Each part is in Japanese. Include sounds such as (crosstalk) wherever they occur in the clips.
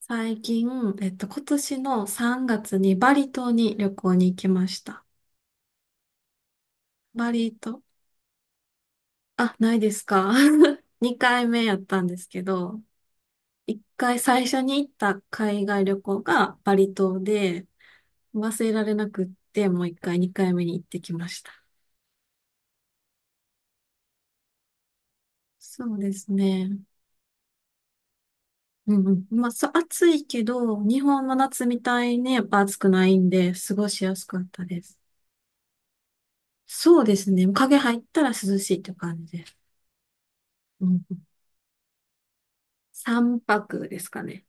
最近、今年の3月にバリ島に旅行に行きました。バリ島、あ、ないですか？2回目 (laughs) やったんですけど、1回最初に行った海外旅行がバリ島で、忘れられなくって、もう1回、2回目に行ってきました。そうですね。うんうん。まあ、そう、暑いけど、日本の夏みたいにやっぱ暑くないんで、過ごしやすかったです。そうですね。影入ったら涼しいって感じです。うん、3泊ですかね。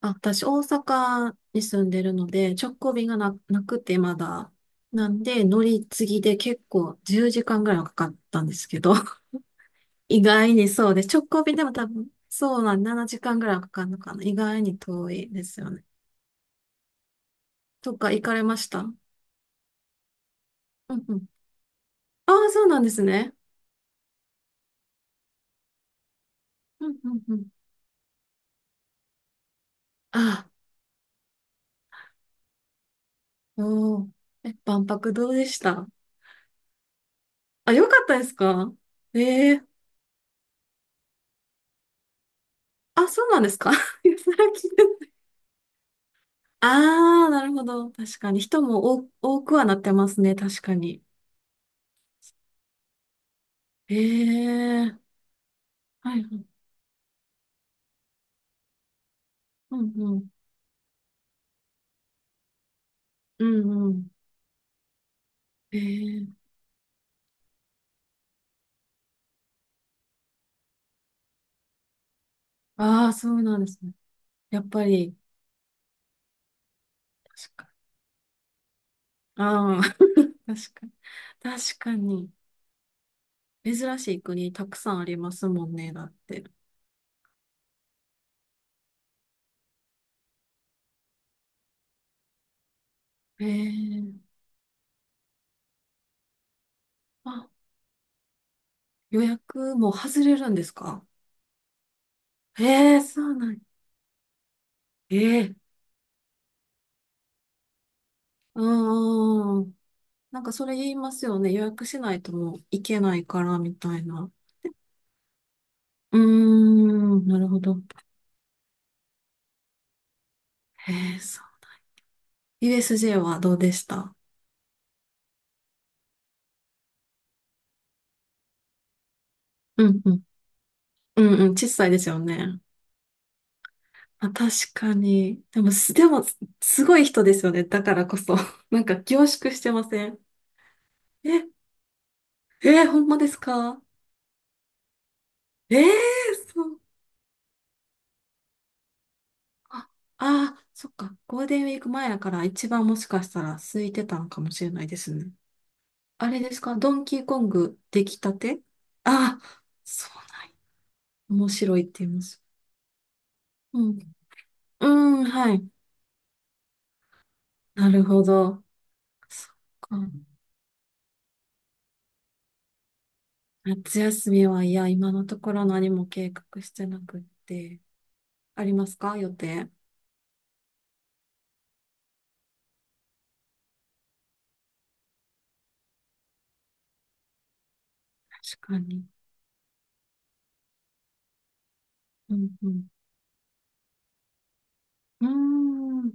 あ、私、大阪に住んでるので、直行便がなくてまだ。なんで、乗り継ぎで結構10時間ぐらいはかかったんですけど、(laughs) 意外にそうです。直行便でも多分、そうなん、7時間ぐらいはかかるのかな。意外に遠いですよね。とか、行かれました？うんうん。ああ、そうなんですね。うんうんうん。ああ、おー。え、万博どうでした？あ、よかったですか？ええー。あ、そうなんですか？ (laughs) いや、それは聞いて。ああ、なるほど。確かに。人も多くはなってますね。確かに。ええー。はいはい。うんうん。うんうん。ええー。ああ、そうなんですね。やっぱり、確かに。ああ。(laughs) 確かに。確かに。珍しい国たくさんありますもんね。だって。ええー。あ、予約も外れるんですか？ええー、そうなん。ええー。うんうんうん。なんかそれ言いますよね。予約しないともう行けないからみたいな。うーん、なるほど。へえ、そう。USJ はどうでした？うんうん。うんうん、小さいですよね。あ、確かに。でも、す、でも、すごい人ですよね。だからこそ。(laughs) なんか凝縮してません？え、えー、ほんまですか？ええー、そう。あ、あー、そっか。ゴールデンウィーク前やから一番もしかしたら空いてたのかもしれないですね。あれですか、ドンキーコング出来たて？ああー、そうなんや。面白いって言います。うん。うん、はい。なるほど。そっか。夏休みは、いや、今のところ何も計画してなくって。ありますか、予定？確かに。うんうん。うーん。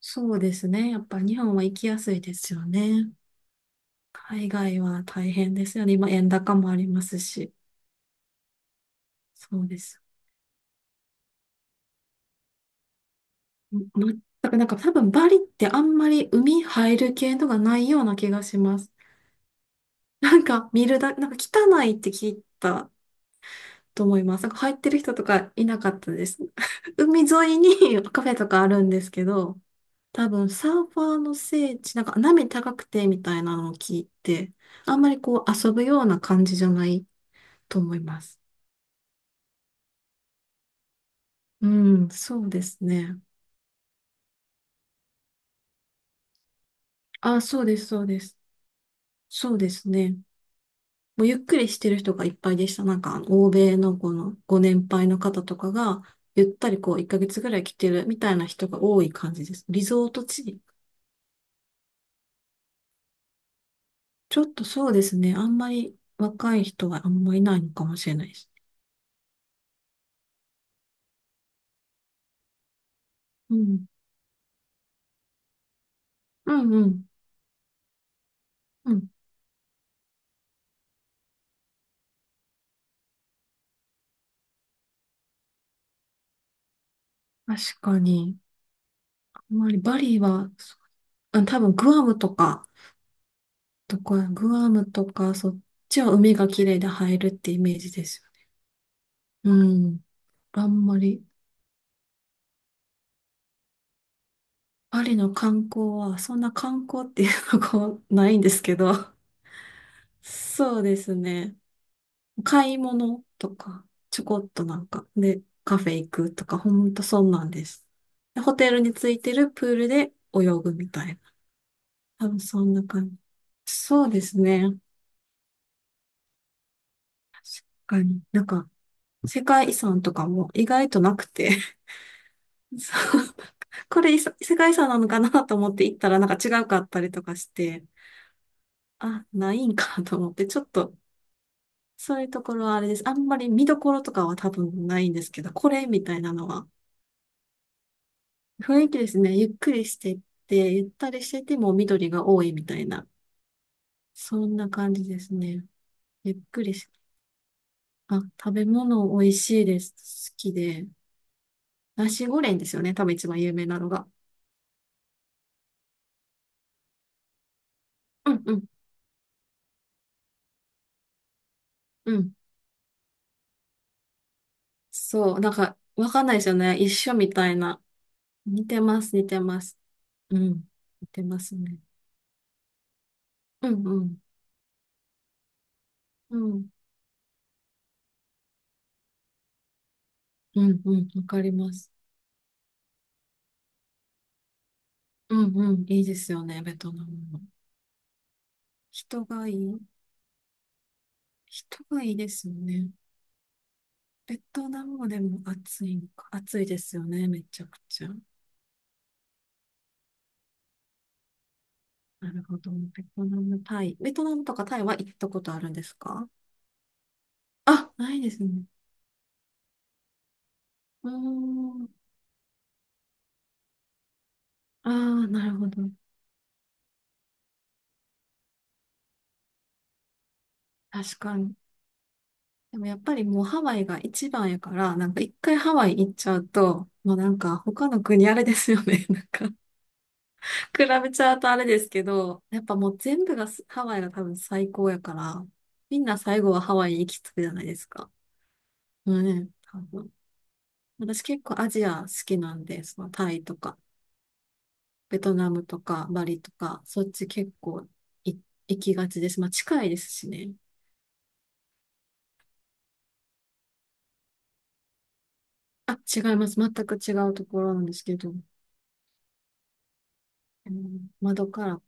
そうですね。やっぱ日本は行きやすいですよね。海外は大変ですよね。今、円高もありますし。そうです。ま、全く、なんか多分バリってあんまり海入る系のがないような気がします。なんか見るだ、なんか汚いって聞いたと思います。なんか入ってる人とかいなかったです。(laughs) 海沿いに (laughs) カフェとかあるんですけど、多分サーファーの聖地、なんか波高くてみたいなのを聞いて、あんまりこう遊ぶような感じじゃないと思います。うん、そうですね。あ、そうです、そうです。そうですね。もうゆっくりしてる人がいっぱいでした。なんか、あの欧米のこのご年配の方とかが、ゆったりこう、1ヶ月ぐらい来てるみたいな人が多い感じです。リゾート地。ちょっとそうですね。あんまり若い人はあんまりいないのかもしれないですね。うん。うんうん。うん。確かに。あんまりバリは、そう、あ、多分グアムとか、どこや、グアムとか、そっちは海が綺麗で入るってイメージです。うん。あんまり、バリの観光は、そんな観光っていうのが (laughs) ないんですけど、そうですね。買い物とか、ちょこっとなんか、で、カフェ行くとか、ほんとそんなんです。でホテルについてるプールで泳ぐみたいな。多分そんな感じ。そうですね。確かになんか、世界遺産とかも意外となくて。 (laughs) そう、これ、いさ世界遺産なのかなと思って行ったらなんか違うかったりとかして、あ、ないんかと思って、ちょっと、そういうところはあれです。あんまり見どころとかは多分ないんですけど、これみたいなのは雰囲気ですね。ゆっくりしてって、ゆったりしてても緑が多いみたいな。そんな感じですね。ゆっくりし、あ、食べ物美味しいです。好きで。ナシゴレンですよね。多分一番有名なのが。うんうんうん。そう。なんか、わかんないですよね。一緒みたいな。似てます、似てます。うん。似てますね。うんうん。うん。うんうん。わかります。うんうん。いいですよね。ベトナムも。人がいい。人がいいですよね。ベトナムもでも暑いんか。暑いですよね、めちゃくちゃ。なるほど。ベトナム、タイ。ベトナムとかタイは行ったことあるんですか？あ、ないですね。うーん。ああ、なるほど。確かに。でもやっぱりもうハワイが一番やから、なんか一回ハワイ行っちゃうと、もうなんか他の国あれですよね。(laughs) なんか比べちゃうとあれですけど、やっぱもう全部がすハワイが多分最高やから、みんな最後はハワイ行き着くじゃないですか。うんね、多分。私結構アジア好きなんで、そのタイとか、ベトナムとか、バリとか、そっち結構い行きがちです。まあ近いですしね。あ、違います。全く違うところなんですけど、あの窓から、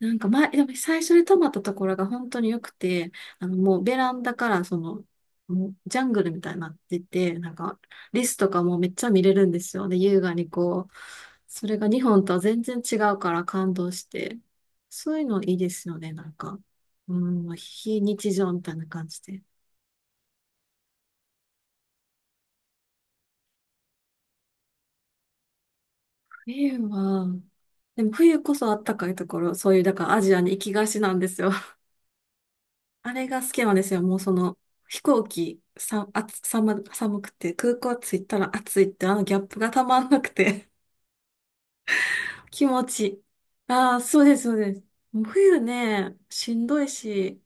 なんか前、でも最初に泊まったところが本当に良くて、あのもうベランダからその、もうジャングルみたいになってて、なんかリスとかもめっちゃ見れるんですよ。で、優雅にこう、それが日本とは全然違うから感動して、そういうのいいですよね、なんか。うん、非日常みたいな感じで。冬は、でも冬こそあったかいところ、そういう、だからアジアに行きがちなんですよ。あれが好きなんですよ。もうその、飛行機、さ、寒くて、空港着いたら暑いって、あのギャップがたまんなくて、(laughs) 気持ちいい。ああ、そうです、そうです。もう冬ね、しんどいし、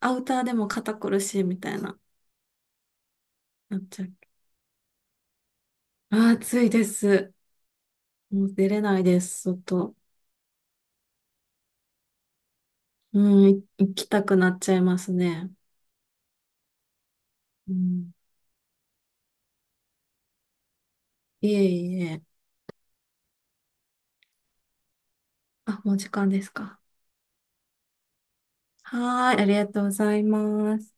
アウターでも肩こるし、みたいな、なっちゃう。ああ、暑いです。もう出れないです、外。うん、行きたくなっちゃいますね。うん。いえいえ。あ、もう時間ですか？はーい、ありがとうございます。